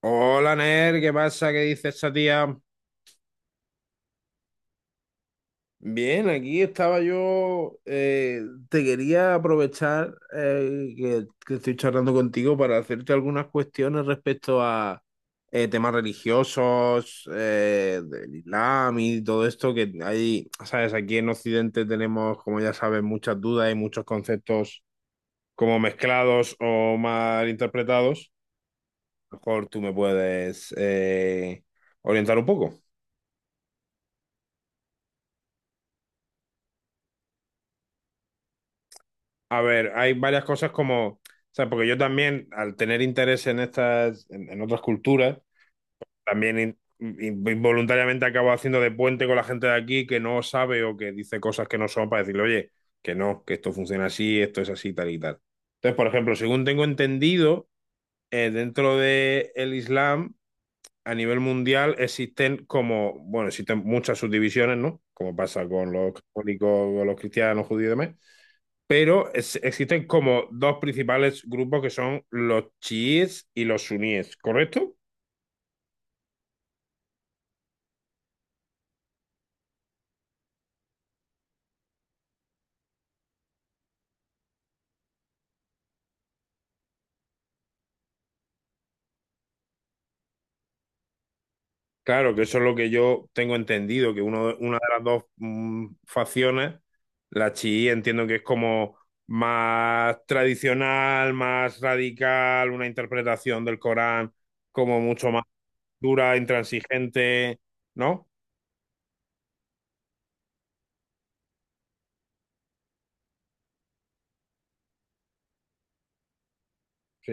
Hola, Ner, ¿qué pasa? ¿Qué dice esa tía? Bien, aquí estaba yo. Te quería aprovechar, que estoy charlando contigo para hacerte algunas cuestiones respecto a, temas religiosos, del Islam y todo esto que hay, ¿sabes? Aquí en Occidente tenemos, como ya sabes, muchas dudas y muchos conceptos como mezclados o mal interpretados. A lo mejor tú me puedes, orientar un poco. A ver, hay varias cosas, como, o sea, porque yo también, al tener interés en estas, en otras culturas, también involuntariamente acabo haciendo de puente con la gente de aquí que no sabe o que dice cosas que no son, para decirle, oye, que no, que esto funciona así, esto es así, tal y tal. Entonces, por ejemplo, según tengo entendido, dentro del Islam, a nivel mundial, existen como, bueno, existen muchas subdivisiones, ¿no? Como pasa con los católicos, con los cristianos, judíos y demás, pero existen como dos principales grupos que son los chiíes y los suníes, ¿correcto? Claro, que eso es lo que yo tengo entendido, que una de las dos facciones, la chií, entiendo que es como más tradicional, más radical, una interpretación del Corán como mucho más dura, intransigente, ¿no? Sí.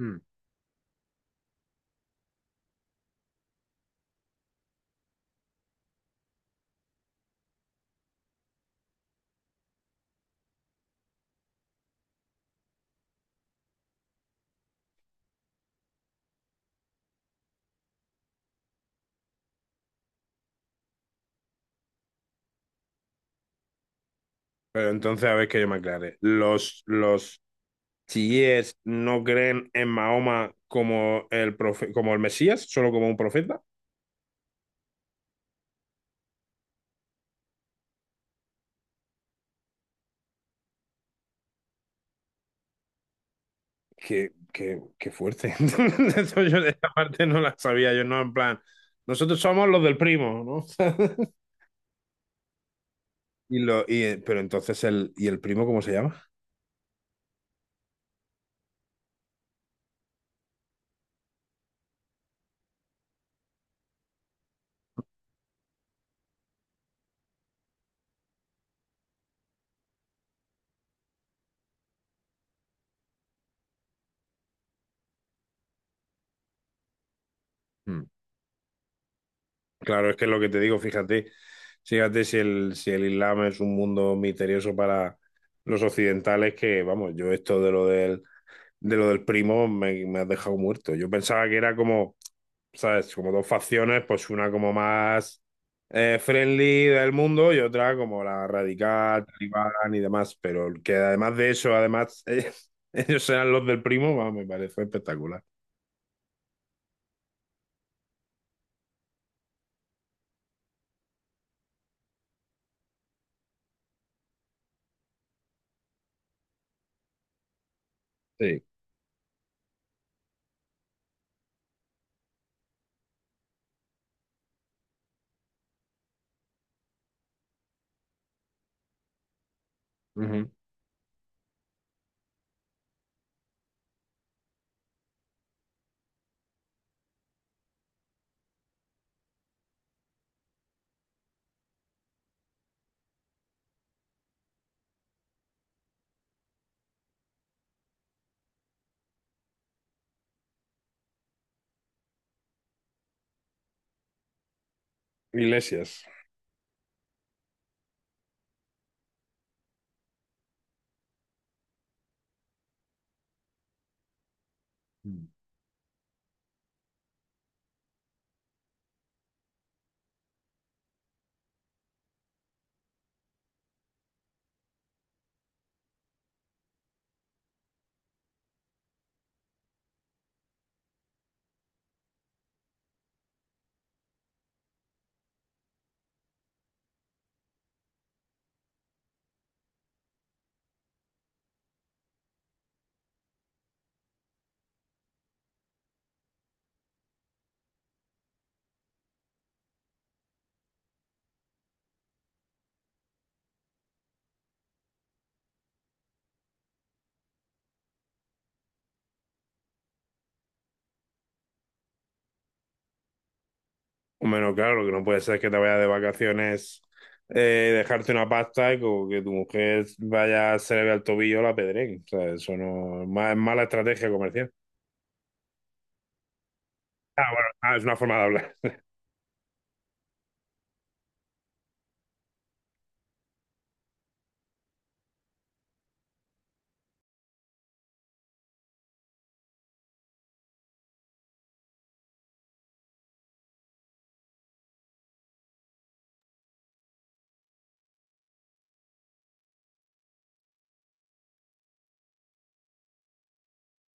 Mm. Pero entonces, a ver, que yo me aclare. Los si es, no creen en Mahoma como el, como el Mesías, solo como un profeta. Qué, qué fuerte. Eso yo de esta parte no la sabía, yo no, en plan, nosotros somos los del primo, ¿no? Pero entonces el, ¿y el primo cómo se llama? Mm. Claro, es que es lo que te digo, fíjate, fíjate si el, si el Islam es un mundo misterioso para los occidentales, que vamos, yo esto de lo del primo, me has dejado muerto. Yo pensaba que era como, ¿sabes? Como dos facciones, pues una como más, friendly del mundo y otra como la radical, talibán y demás. Pero que además de eso, además, ellos sean los del primo, va, me parece espectacular. Sí. Ujú. Iglesias. Mm. Bueno, claro, lo que no puede ser es que te vayas de vacaciones, dejarte una pasta y como que tu mujer vaya, se le vea el tobillo la pedrén. O sea, eso no es mala estrategia comercial. Ah, bueno, ah, es una forma de hablar.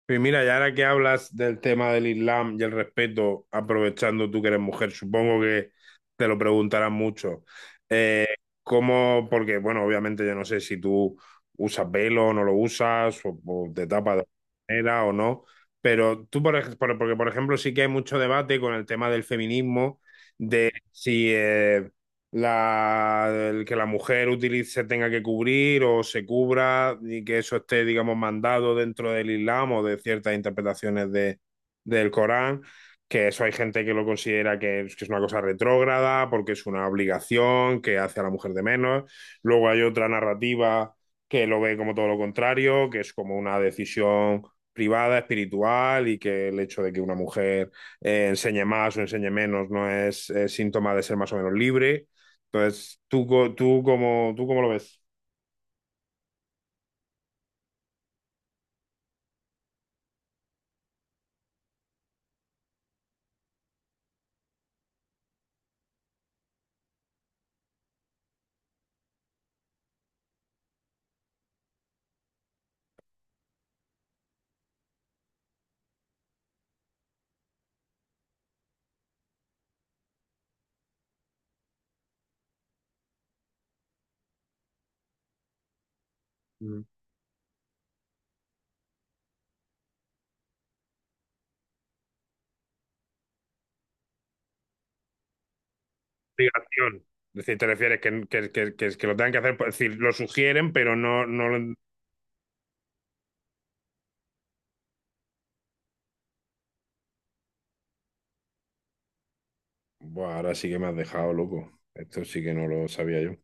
Pues mira, y ahora que hablas del tema del Islam y el respeto, aprovechando tú que eres mujer, supongo que te lo preguntarán mucho. Eh, ¿Cómo? Porque, bueno, obviamente yo no sé si tú usas velo o no lo usas, o te tapas de alguna manera o no, pero tú, por ejemplo, porque por ejemplo, sí que hay mucho debate con el tema del feminismo, de si, la, el que la mujer utilice, se tenga que cubrir o se cubra y que eso esté, digamos, mandado dentro del Islam o de ciertas interpretaciones de, del Corán, que eso hay gente que lo considera que es una cosa retrógrada porque es una obligación que hace a la mujer de menos. Luego hay otra narrativa que lo ve como todo lo contrario, que es como una decisión privada, espiritual, y que el hecho de que una mujer, enseñe más o enseñe menos no es, síntoma de ser más o menos libre. Entonces, ¿ tú cómo lo ves? Mm. Obligación. Es decir, te refieres que, que lo tengan que hacer, pues, es decir, lo sugieren, pero no, no lo... Buah, ahora sí que me has dejado loco. Esto sí que no lo sabía yo.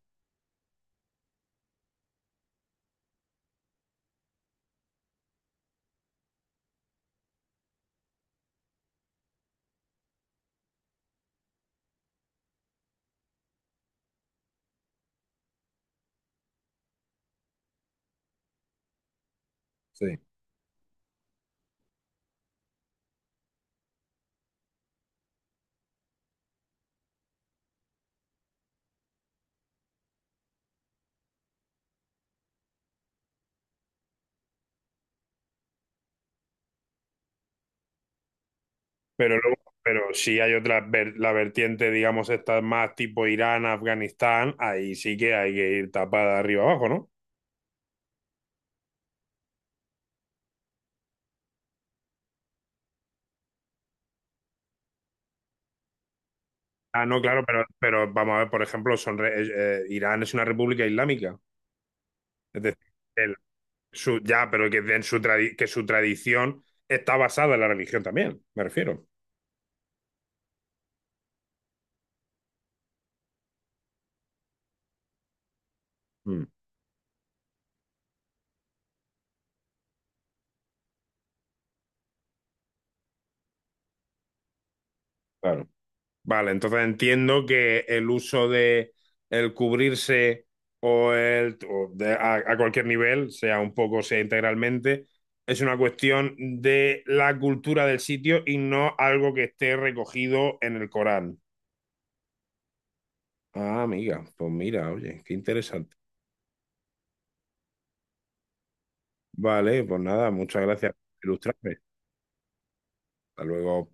Sí. Pero luego, pero si hay otra la vertiente, digamos, esta más tipo Irán, Afganistán, ahí sí que hay que ir tapada de arriba abajo, ¿no? Ah, no, claro, pero vamos a ver, por ejemplo, son Irán es una república islámica. Es decir, Su, ya, pero que, en su que su tradición está basada en la religión también, me refiero. Mm, claro. Vale, entonces entiendo que el uso de el cubrirse o el o a cualquier nivel, sea un poco, sea integralmente, es una cuestión de la cultura del sitio y no algo que esté recogido en el Corán. Ah, amiga, pues mira, oye, qué interesante. Vale, pues nada, muchas gracias por ilustrarme. Hasta luego.